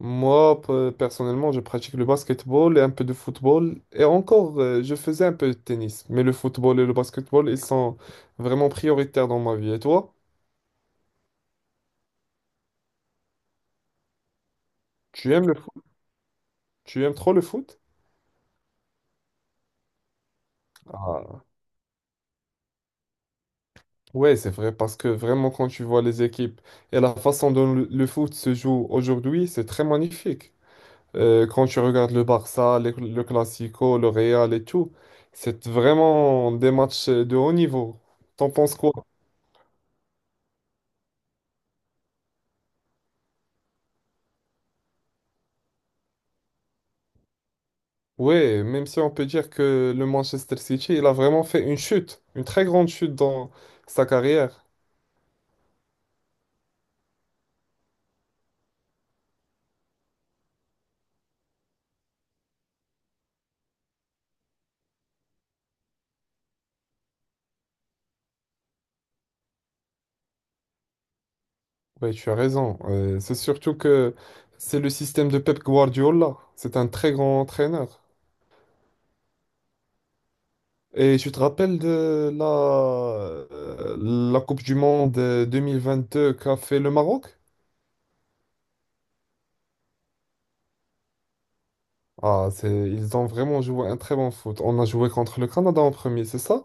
Moi, personnellement, je pratique le basketball et un peu de football. Et encore, je faisais un peu de tennis. Mais le football et le basketball, ils sont vraiment prioritaires dans ma vie. Et toi, tu aimes le foot? Tu aimes trop le foot? Ah. Ouais, c'est vrai, parce que vraiment, quand tu vois les équipes et la façon dont le foot se joue aujourd'hui, c'est très magnifique. Quand tu regardes le Barça, le Classico, le Real et tout, c'est vraiment des matchs de haut niveau. T'en penses quoi? Ouais, même si on peut dire que le Manchester City, il a vraiment fait une chute, une très grande chute dans sa carrière. Oui, tu as raison. C'est surtout que c'est le système de Pep Guardiola. C'est un très grand entraîneur. Et tu te rappelles de la la Coupe du Monde 2022 qu'a fait le Maroc? Ah, c'est, ils ont vraiment joué un très bon foot. On a joué contre le Canada en premier, c'est ça?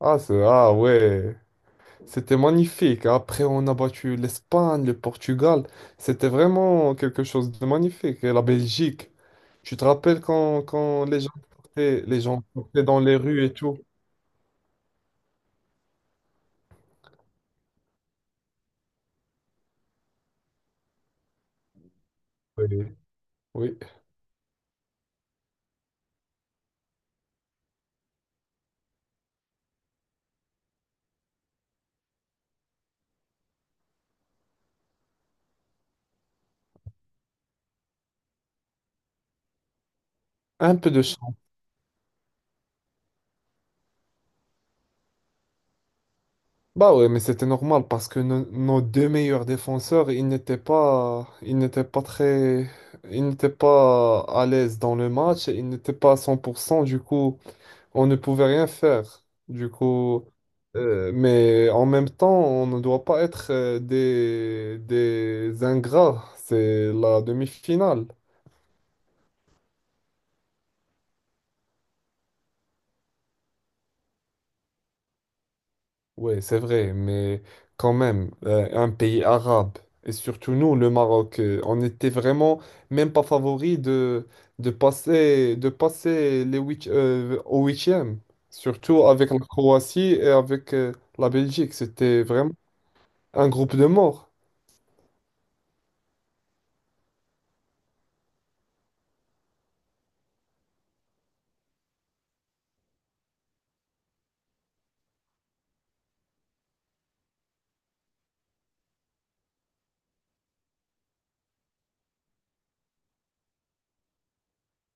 Ah, c'est, ah ouais. C'était magnifique. Après, on a battu l'Espagne, le Portugal. C'était vraiment quelque chose de magnifique. Et la Belgique. Tu te rappelles quand les gens portaient dans les rues et tout? Oui. Oui. Un peu de chance. Bah ouais, mais c'était normal parce que nos deux meilleurs défenseurs, ils n'étaient pas très, ils n'étaient pas à l'aise dans le match. Ils n'étaient pas à 100%. Du coup, on ne pouvait rien faire. Du coup, mais en même temps, on ne doit pas être des ingrats. C'est la demi-finale. Oui, c'est vrai, mais quand même, un pays arabe, et surtout nous, le Maroc, on était vraiment même pas favori de passer les huit, au huitième, surtout avec la Croatie et avec la Belgique. C'était vraiment un groupe de morts.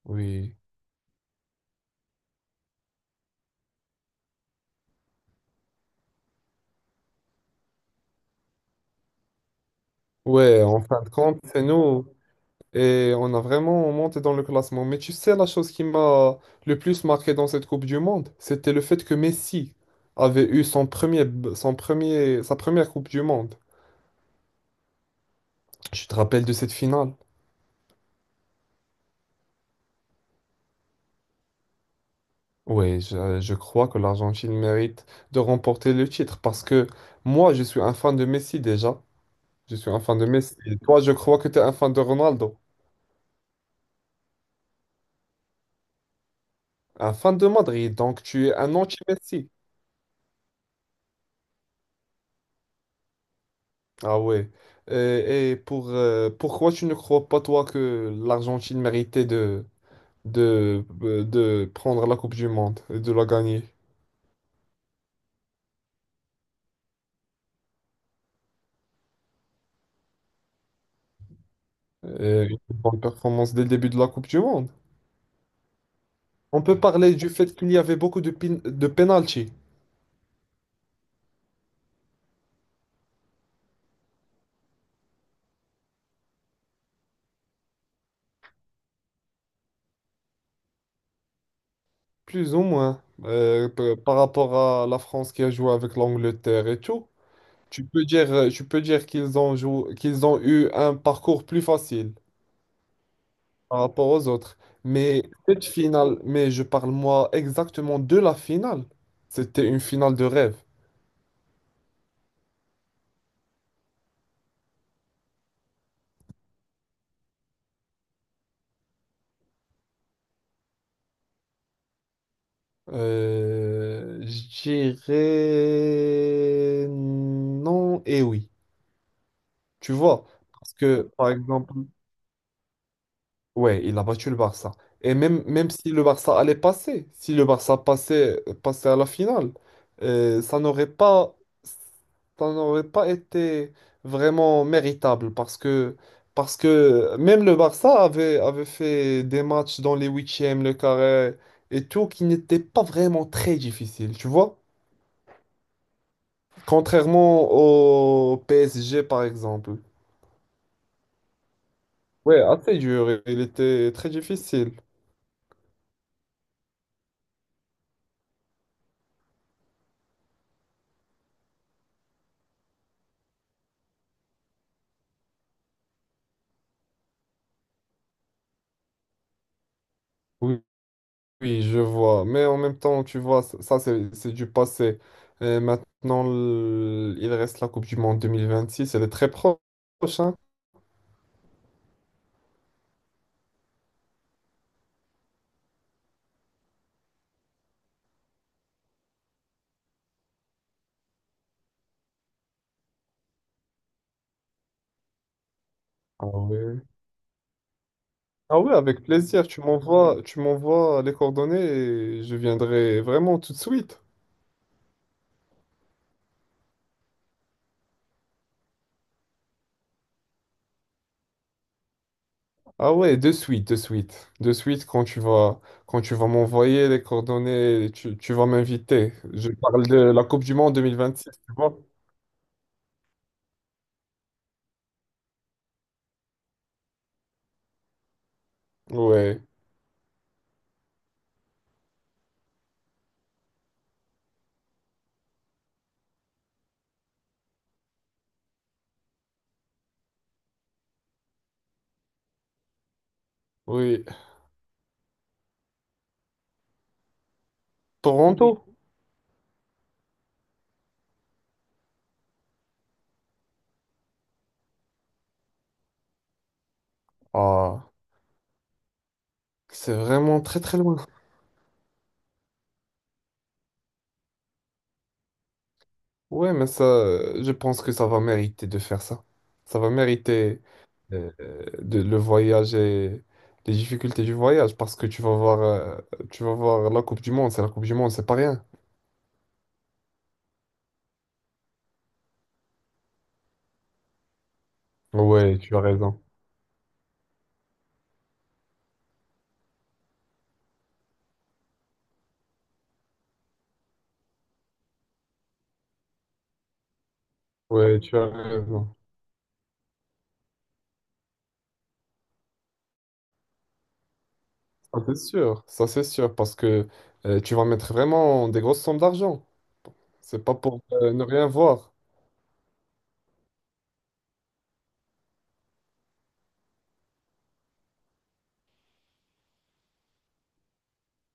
Oui. Ouais, en fin de compte, c'est nous. Et on a vraiment monté dans le classement. Mais tu sais, la chose qui m'a le plus marqué dans cette Coupe du Monde, c'était le fait que Messi avait eu son premier, sa première Coupe du Monde. Tu te rappelles de cette finale? Oui, je crois que l'Argentine mérite de remporter le titre parce que moi, je suis un fan de Messi déjà. Je suis un fan de Messi. Et toi, je crois que tu es un fan de Ronaldo. Un fan de Madrid, donc tu es un anti-Messi. Ah ouais. Et pour, pourquoi tu ne crois pas, toi, que l'Argentine méritait de prendre la Coupe du Monde et de la gagner? Une bonne performance dès le début de la Coupe du Monde. On peut parler du fait qu'il y avait beaucoup de penalty, plus ou moins, par rapport à la France qui a joué avec l'Angleterre et tout. Tu peux dire qu'ils ont joué, qu'ils ont eu un parcours plus facile. Par rapport aux autres. Mais cette finale, mais je parle moi exactement de la finale. C'était une finale de rêve. Je dirais non et oui. Tu vois, parce que par exemple, ouais, il a battu le Barça. Et même, même si le Barça allait passer, si le Barça passait à la finale, euh, ça n'aurait pas, ça n'aurait pas été vraiment méritable parce que même le Barça avait fait des matchs dans les huitièmes, le carré et tout qui n'étaient pas vraiment très difficiles, tu vois? Contrairement au PSG par exemple. Ouais, assez dur, il était très difficile. Oui. Oui, je vois. Mais en même temps, tu vois, c'est du passé. Et maintenant, il reste la Coupe du Monde 2026. Elle est très proche, hein. Ah ouais. Ah ouais, avec plaisir. Tu m'envoies les coordonnées et je viendrai vraiment tout de suite. Ah ouais, de suite, de suite. De suite, quand tu vas m'envoyer les coordonnées, tu vas m'inviter. Je parle de la Coupe du Monde 2026, tu vois? Ouais, oui. Toronto? Ah, c'est vraiment très très loin. Ouais, mais ça, je pense que ça va mériter de faire ça. Ça va mériter euh, le voyage et les difficultés du voyage parce que tu vas voir la Coupe du Monde. C'est la Coupe du Monde, c'est pas rien. Ouais, tu as raison. Ouais, tu as raison. Ça, c'est sûr. Ça, c'est sûr parce que tu vas mettre vraiment des grosses sommes d'argent. C'est pas pour ne rien voir.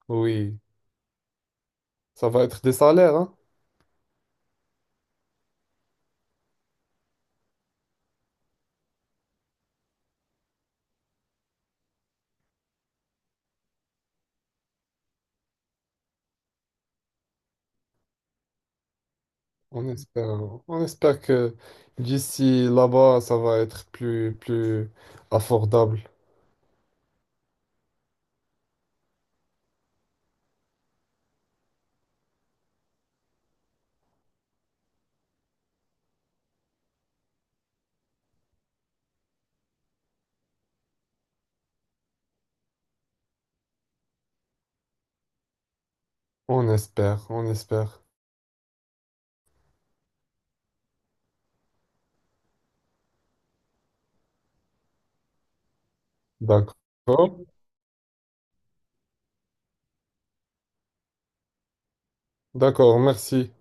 Oui, ça va être des salaires, hein. On espère, on espère que d'ici là-bas, ça va être plus abordable. On espère, on espère. D'accord. D'accord, merci.